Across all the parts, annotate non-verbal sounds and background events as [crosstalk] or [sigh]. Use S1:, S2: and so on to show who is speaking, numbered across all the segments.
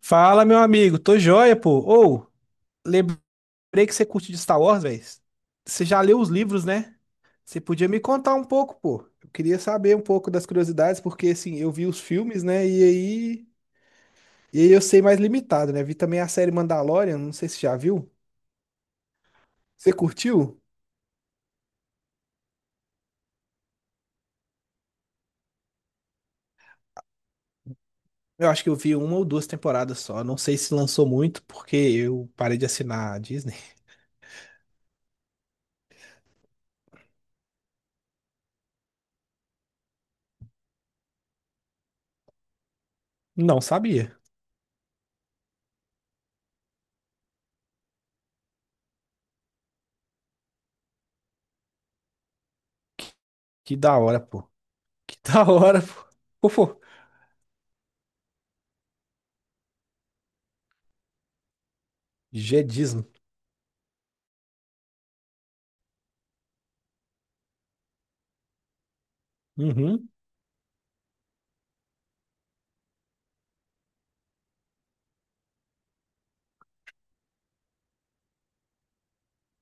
S1: Fala, meu amigo, tô joia, pô. Ou, lembrei que você curte de Star Wars, velho. Você já leu os livros, né? Você podia me contar um pouco, pô. Eu queria saber um pouco das curiosidades, porque assim, eu vi os filmes, né? E aí, eu sei mais limitado, né? Vi também a série Mandalorian, não sei se já viu. Você curtiu? Eu acho que eu vi uma ou duas temporadas só. Não sei se lançou muito, porque eu parei de assinar a Disney. Não sabia. Que da hora, pô. Que [laughs] da hora, pô. Pô, pô. Jedismo.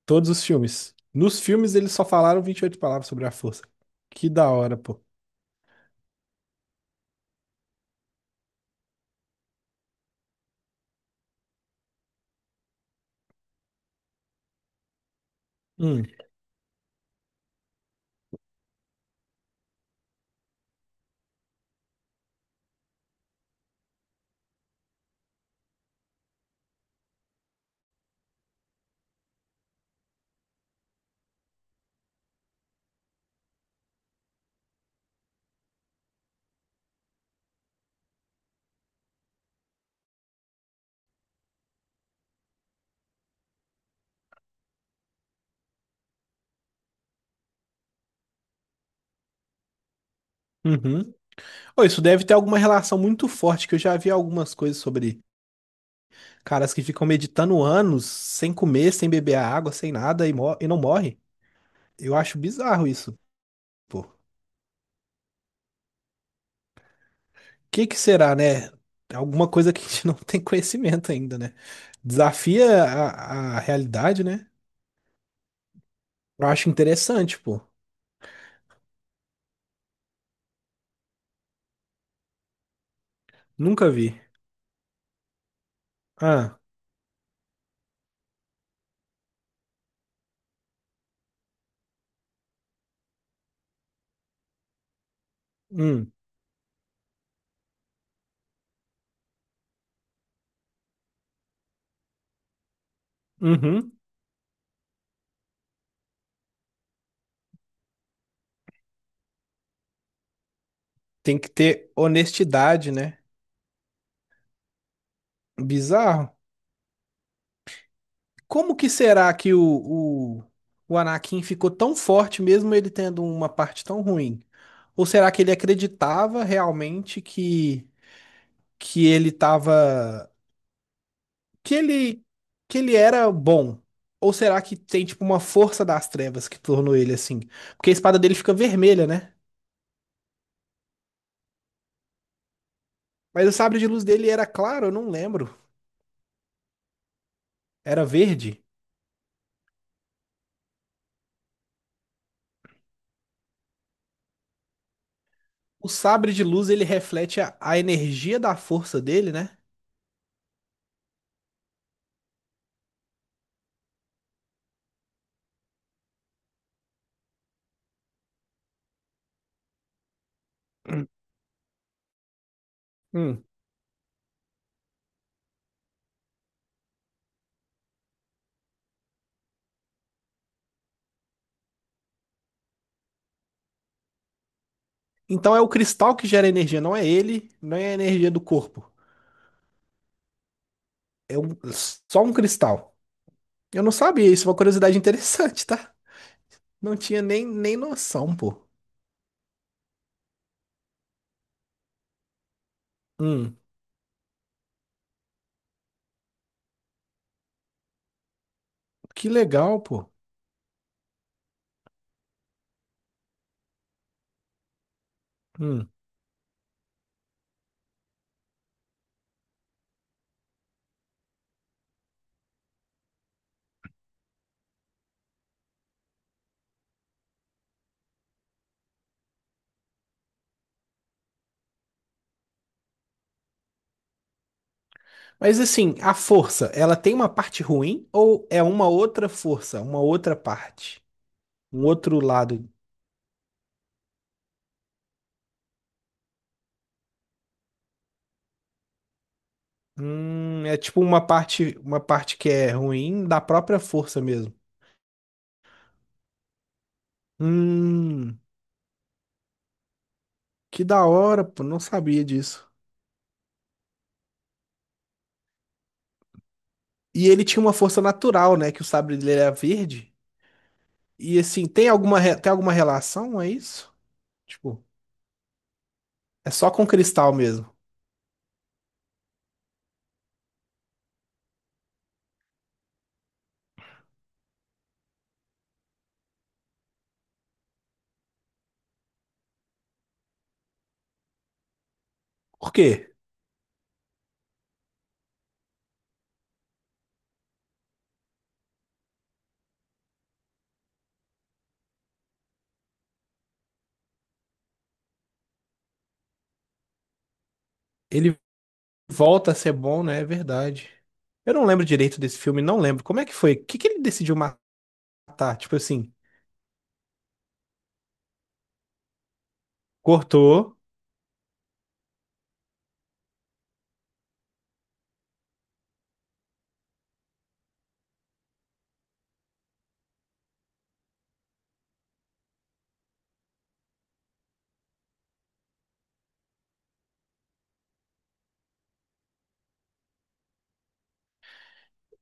S1: Todos os filmes. Nos filmes eles só falaram 28 palavras sobre a força. Que da hora, pô. Hum, uhum. Ô, isso deve ter alguma relação muito forte, que eu já vi algumas coisas sobre caras que ficam meditando anos, sem comer, sem beber a água, sem nada e não morre. Eu acho bizarro isso, pô. O que que será, né? Alguma coisa que a gente [laughs] não tem conhecimento ainda, né? Desafia a realidade, né? Eu acho interessante, pô. Nunca vi. Ah, hum, uhum. Tem que ter honestidade, né? Bizarro. Como que será que o Anakin ficou tão forte mesmo ele tendo uma parte tão ruim? Ou será que ele acreditava realmente que ele tava, que ele, que ele era bom? Ou será que tem tipo uma força das trevas que tornou ele assim? Porque a espada dele fica vermelha, né? Mas o sabre de luz dele era claro, eu não lembro. Era verde. O sabre de luz ele reflete a energia da força dele, né? Hum. Então é o cristal que gera energia, não é ele, não é a energia do corpo. É um- só um cristal. Eu não sabia, isso é uma curiosidade [laughs] interessante, tá? Não tinha nem noção, pô. Hum, que legal, pô. Hum. Mas assim, a força, ela tem uma parte ruim ou é uma outra força, uma outra parte, um outro lado? É tipo uma parte que é ruim da própria força mesmo. Hum, que da hora, pô, não sabia disso. E ele tinha uma força natural, né? Que o sabre dele era verde. E assim, tem alguma relação a isso? Tipo, é só com cristal mesmo. Por quê Ele volta a ser bom, né? É verdade. Eu não lembro direito desse filme, não lembro. Como é que foi? O que que ele decidiu matar? Tipo assim, cortou.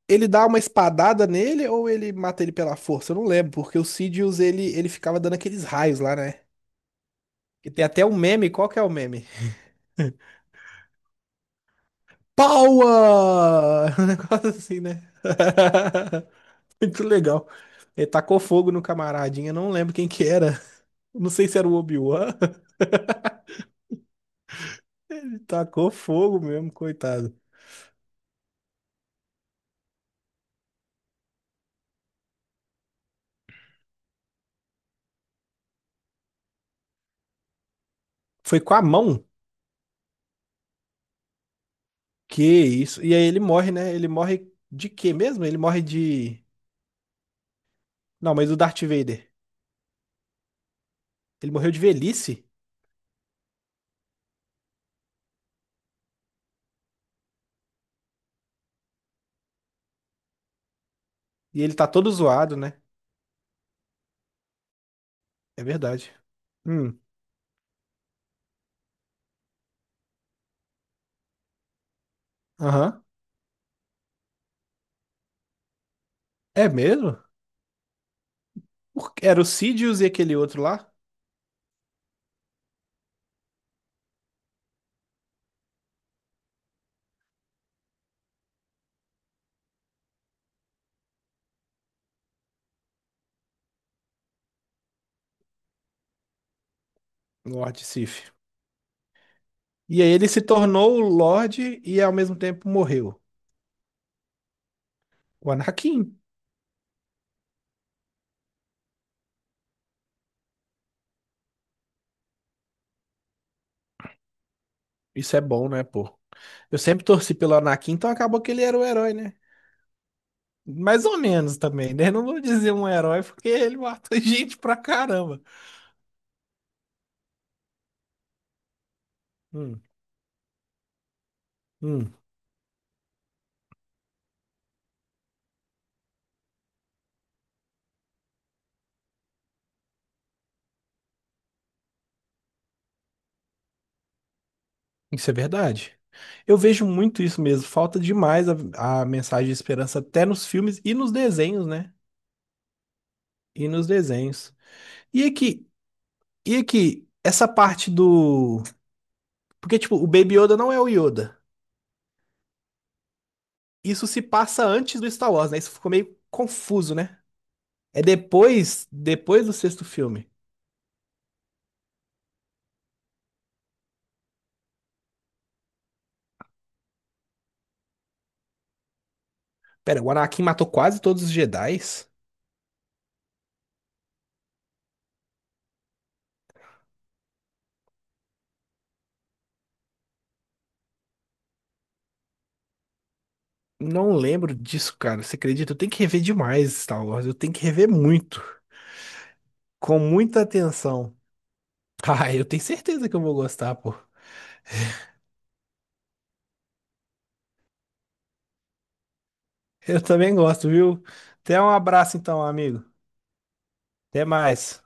S1: Ele dá uma espadada nele ou ele mata ele pela força? Eu não lembro, porque o Sidious, ele ficava dando aqueles raios lá, né? Que tem até um meme. Qual que é o meme? Power! [laughs] Um negócio assim, né? [laughs] Muito legal. Ele tacou fogo no camaradinha, não lembro quem que era. [laughs] Não sei se era o Obi-Wan. [laughs] Ele tacou fogo mesmo, coitado. Foi com a mão? Que isso. E aí ele morre, né? Ele morre de quê mesmo? Ele morre de. Não, mas o Darth Vader. Ele morreu de velhice. E ele tá todo zoado, né? É verdade. Hum. Aham. É mesmo? Por- quê? Era o Sidious e aquele outro lá? Lord Sif. E aí ele se tornou o Lorde e ao mesmo tempo morreu. O Anakin. Isso é bom, né, pô? Eu sempre torci pelo Anakin, então acabou que ele era o herói, né? Mais ou menos também, né? Não vou dizer um herói porque ele matou [laughs] gente pra caramba. Hum, hum, isso é verdade. Eu vejo muito isso mesmo. Falta demais a mensagem de esperança até nos filmes e nos desenhos, né? E nos desenhos. E aqui, e aqui, essa parte do. Porque, tipo, o Baby Yoda não é o Yoda. Isso se passa antes do Star Wars, né? Isso ficou meio confuso, né? É depois, depois do sexto filme. Pera, o Anakin matou quase todos os Jedis? Não lembro disso, cara. Você acredita? Eu tenho que rever demais Star Wars. Eu tenho que rever muito. Com muita atenção. [laughs] Ah, eu tenho certeza que eu vou gostar, pô. Eu também gosto, viu? Até um abraço então, amigo. Até mais.